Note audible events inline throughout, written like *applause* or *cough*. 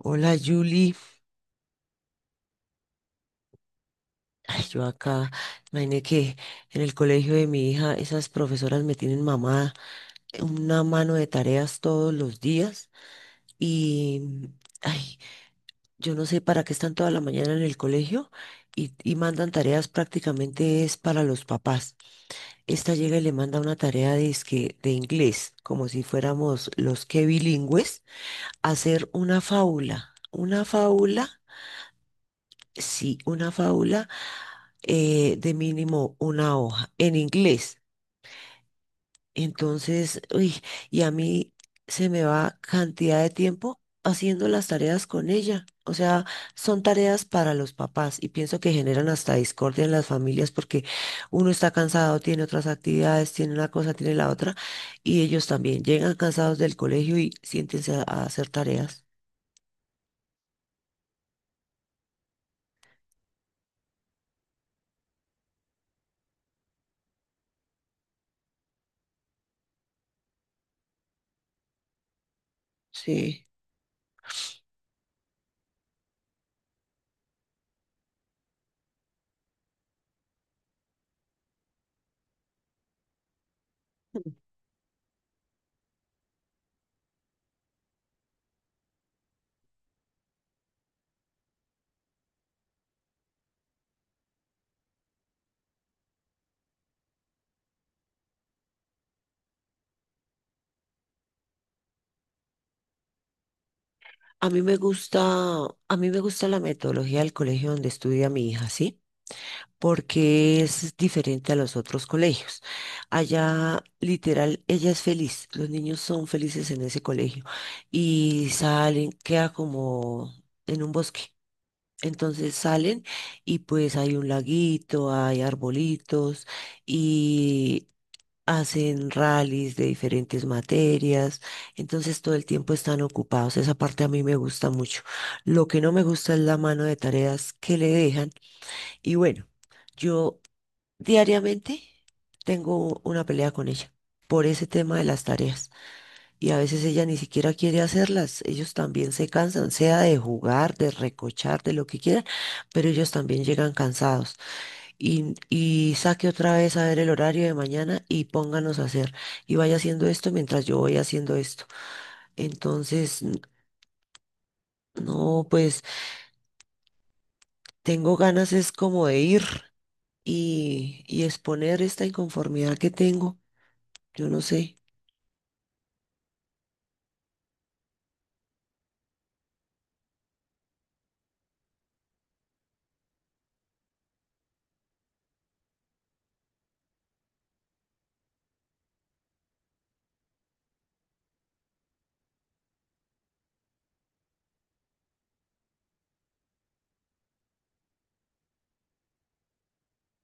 Hola, Julie. Ay, yo acá, imaginé que en el colegio de mi hija esas profesoras me tienen mamada una mano de tareas todos los días y, ay, yo no sé para qué están toda la mañana en el colegio y mandan tareas prácticamente es para los papás. Esta llega y le manda una tarea de, que de inglés, como si fuéramos los que bilingües, hacer una fábula, una fábula. Sí, una fábula, de mínimo una hoja en inglés. Entonces, uy, y a mí se me va cantidad de tiempo haciendo las tareas con ella. O sea, son tareas para los papás y pienso que generan hasta discordia en las familias porque uno está cansado, tiene otras actividades, tiene una cosa, tiene la otra y ellos también llegan cansados del colegio y siéntense a hacer tareas. Sí. Mm. A mí me gusta, a mí me gusta la metodología del colegio donde estudia mi hija, ¿sí? Porque es diferente a los otros colegios. Allá, literal, ella es feliz. Los niños son felices en ese colegio y salen, queda como en un bosque. Entonces salen y pues hay un laguito, hay arbolitos y hacen rallies de diferentes materias, entonces todo el tiempo están ocupados. Esa parte a mí me gusta mucho. Lo que no me gusta es la mano de tareas que le dejan. Y bueno, yo diariamente tengo una pelea con ella por ese tema de las tareas. Y a veces ella ni siquiera quiere hacerlas. Ellos también se cansan, sea de jugar, de recochar, de lo que quieran, pero ellos también llegan cansados y saque otra vez a ver el horario de mañana y pónganos a hacer y vaya haciendo esto mientras yo voy haciendo esto. Entonces, no, pues tengo ganas es como de ir y exponer esta inconformidad que tengo, yo no sé.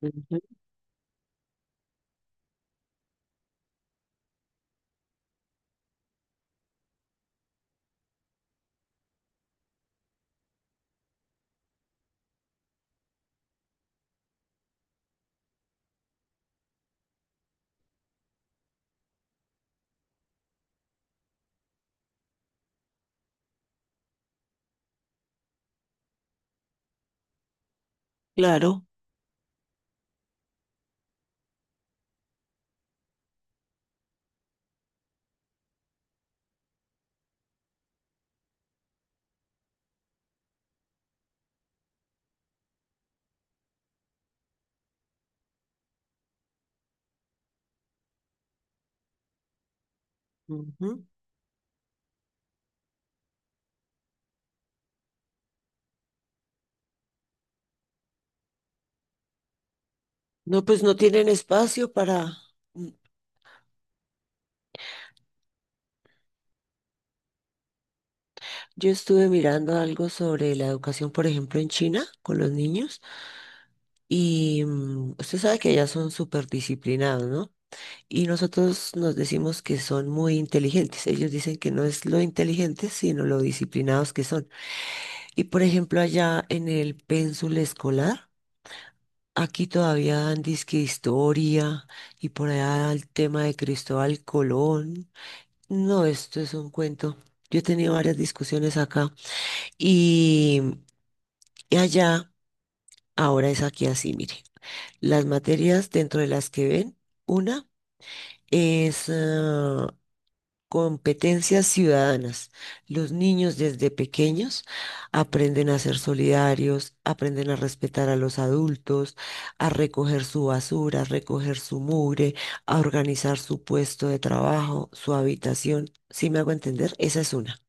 Ujú. Claro. Ujú. No, pues no tienen espacio para. mm, Yo estuve mirando algo sobre la educación, por ejemplo, en China con los niños y usted sabe que ya son súper disciplinados, ¿no? Y nosotros nos decimos que son muy inteligentes. Ellos dicen que no es lo inteligentes, sino lo disciplinados que son. Y por ejemplo, allá en el pénsul escolar, aquí todavía dan disque historia y por allá el tema de Cristóbal Colón. No, esto es un cuento. Yo he tenido varias discusiones acá y, y allá ahora es aquí así, mire. Las materias dentro de las que ven, una es competencias ciudadanas. Los niños desde pequeños aprenden a ser solidarios, aprenden a respetar a los adultos, a recoger su basura, a recoger su mugre, a organizar su puesto de trabajo, su habitación. ¿Sí me hago entender? Esa es una.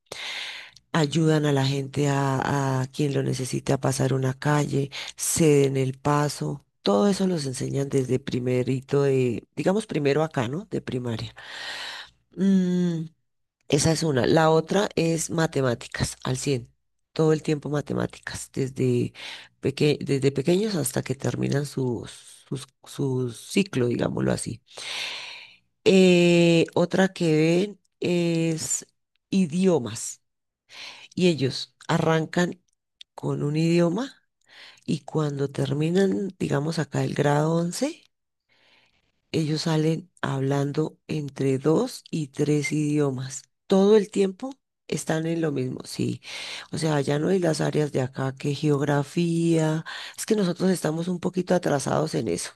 Ayudan a la gente a quien lo necesita a pasar una calle, ceden el paso. Todo eso los enseñan desde primerito de, digamos primero acá, ¿no? De primaria. Mm, esa es una. La otra es matemáticas, al cien. Todo el tiempo matemáticas, desde, desde pequeños hasta que terminan su, su ciclo, digámoslo así. Otra que ven es idiomas. Y ellos arrancan con un idioma y cuando terminan, digamos acá el grado 11. Ellos salen hablando entre dos y tres idiomas. Todo el tiempo están en lo mismo, sí. O sea, ya no hay las áreas de acá que geografía. Es que nosotros estamos un poquito atrasados en eso.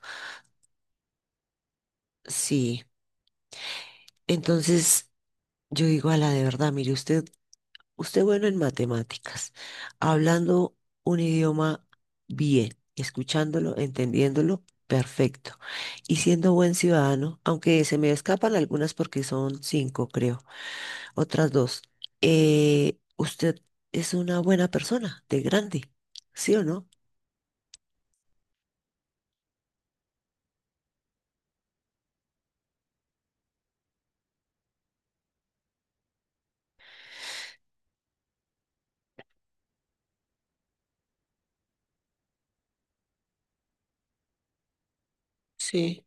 Sí. Entonces, yo digo a la de verdad, mire, usted, usted bueno en matemáticas, hablando un idioma bien, escuchándolo, entendiéndolo, perfecto. Y siendo buen ciudadano, aunque se me escapan algunas porque son cinco, creo. Otras dos. Usted es una buena persona, de grande, ¿sí o no? Sí,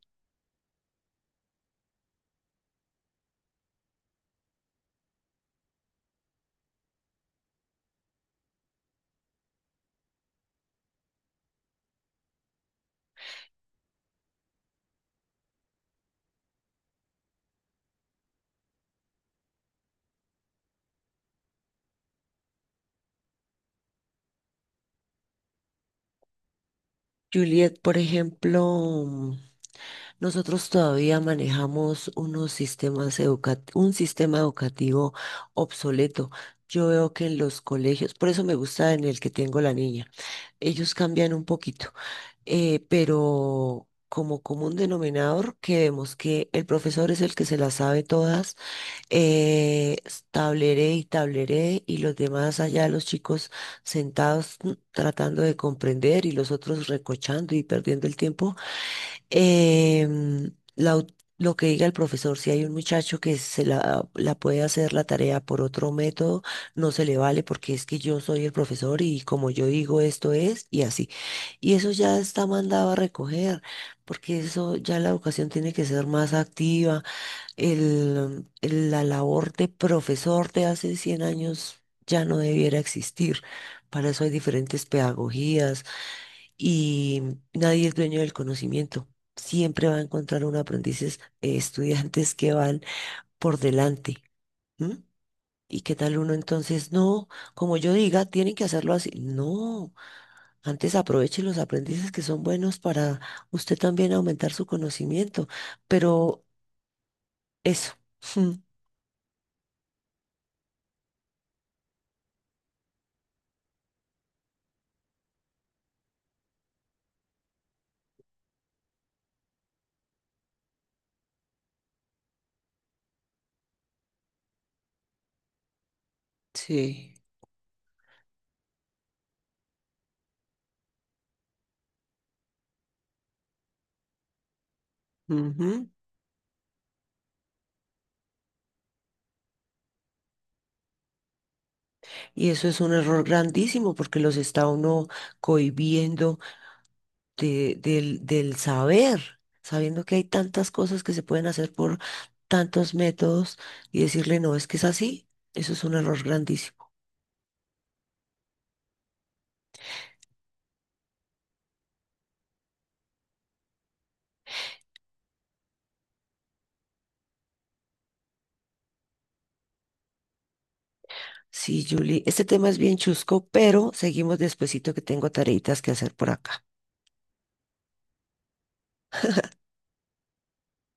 Juliet, por ejemplo, nosotros todavía manejamos un sistema educativo obsoleto. Yo veo que en los colegios, por eso me gusta en el que tengo la niña, ellos cambian un poquito, pero como común denominador que vemos que el profesor es el que se las sabe todas. Eh, tableré y tableré y los demás allá, los chicos sentados tratando de comprender y los otros recochando y perdiendo el tiempo. Em, la au- lo que diga el profesor, si hay un muchacho que se la puede hacer la tarea por otro método, no se le vale porque es que yo soy el profesor y como yo digo esto es y así. Y eso ya está mandado a recoger porque eso ya la educación tiene que ser más activa. La labor de profesor de hace 100 años ya no debiera existir. Para eso hay diferentes pedagogías y nadie es dueño del conocimiento. Siempre va a encontrar un aprendices, estudiantes que van por delante. ¿M? ¿Y qué tal uno entonces? No, como yo diga, tienen que hacerlo así. No, antes aproveche los aprendices que son buenos para usted también aumentar su conocimiento. Pero eso. *laughs* Sí. Ujú. Y eso es un error grandísimo porque los está uno cohibiendo del saber, sabiendo que hay tantas cosas que se pueden hacer por tantos métodos y decirle, no, es que es así, eso es un error grandísimo. Sí, Julie, este tema es bien chusco, pero seguimos despuesito que tengo tareitas que hacer por acá.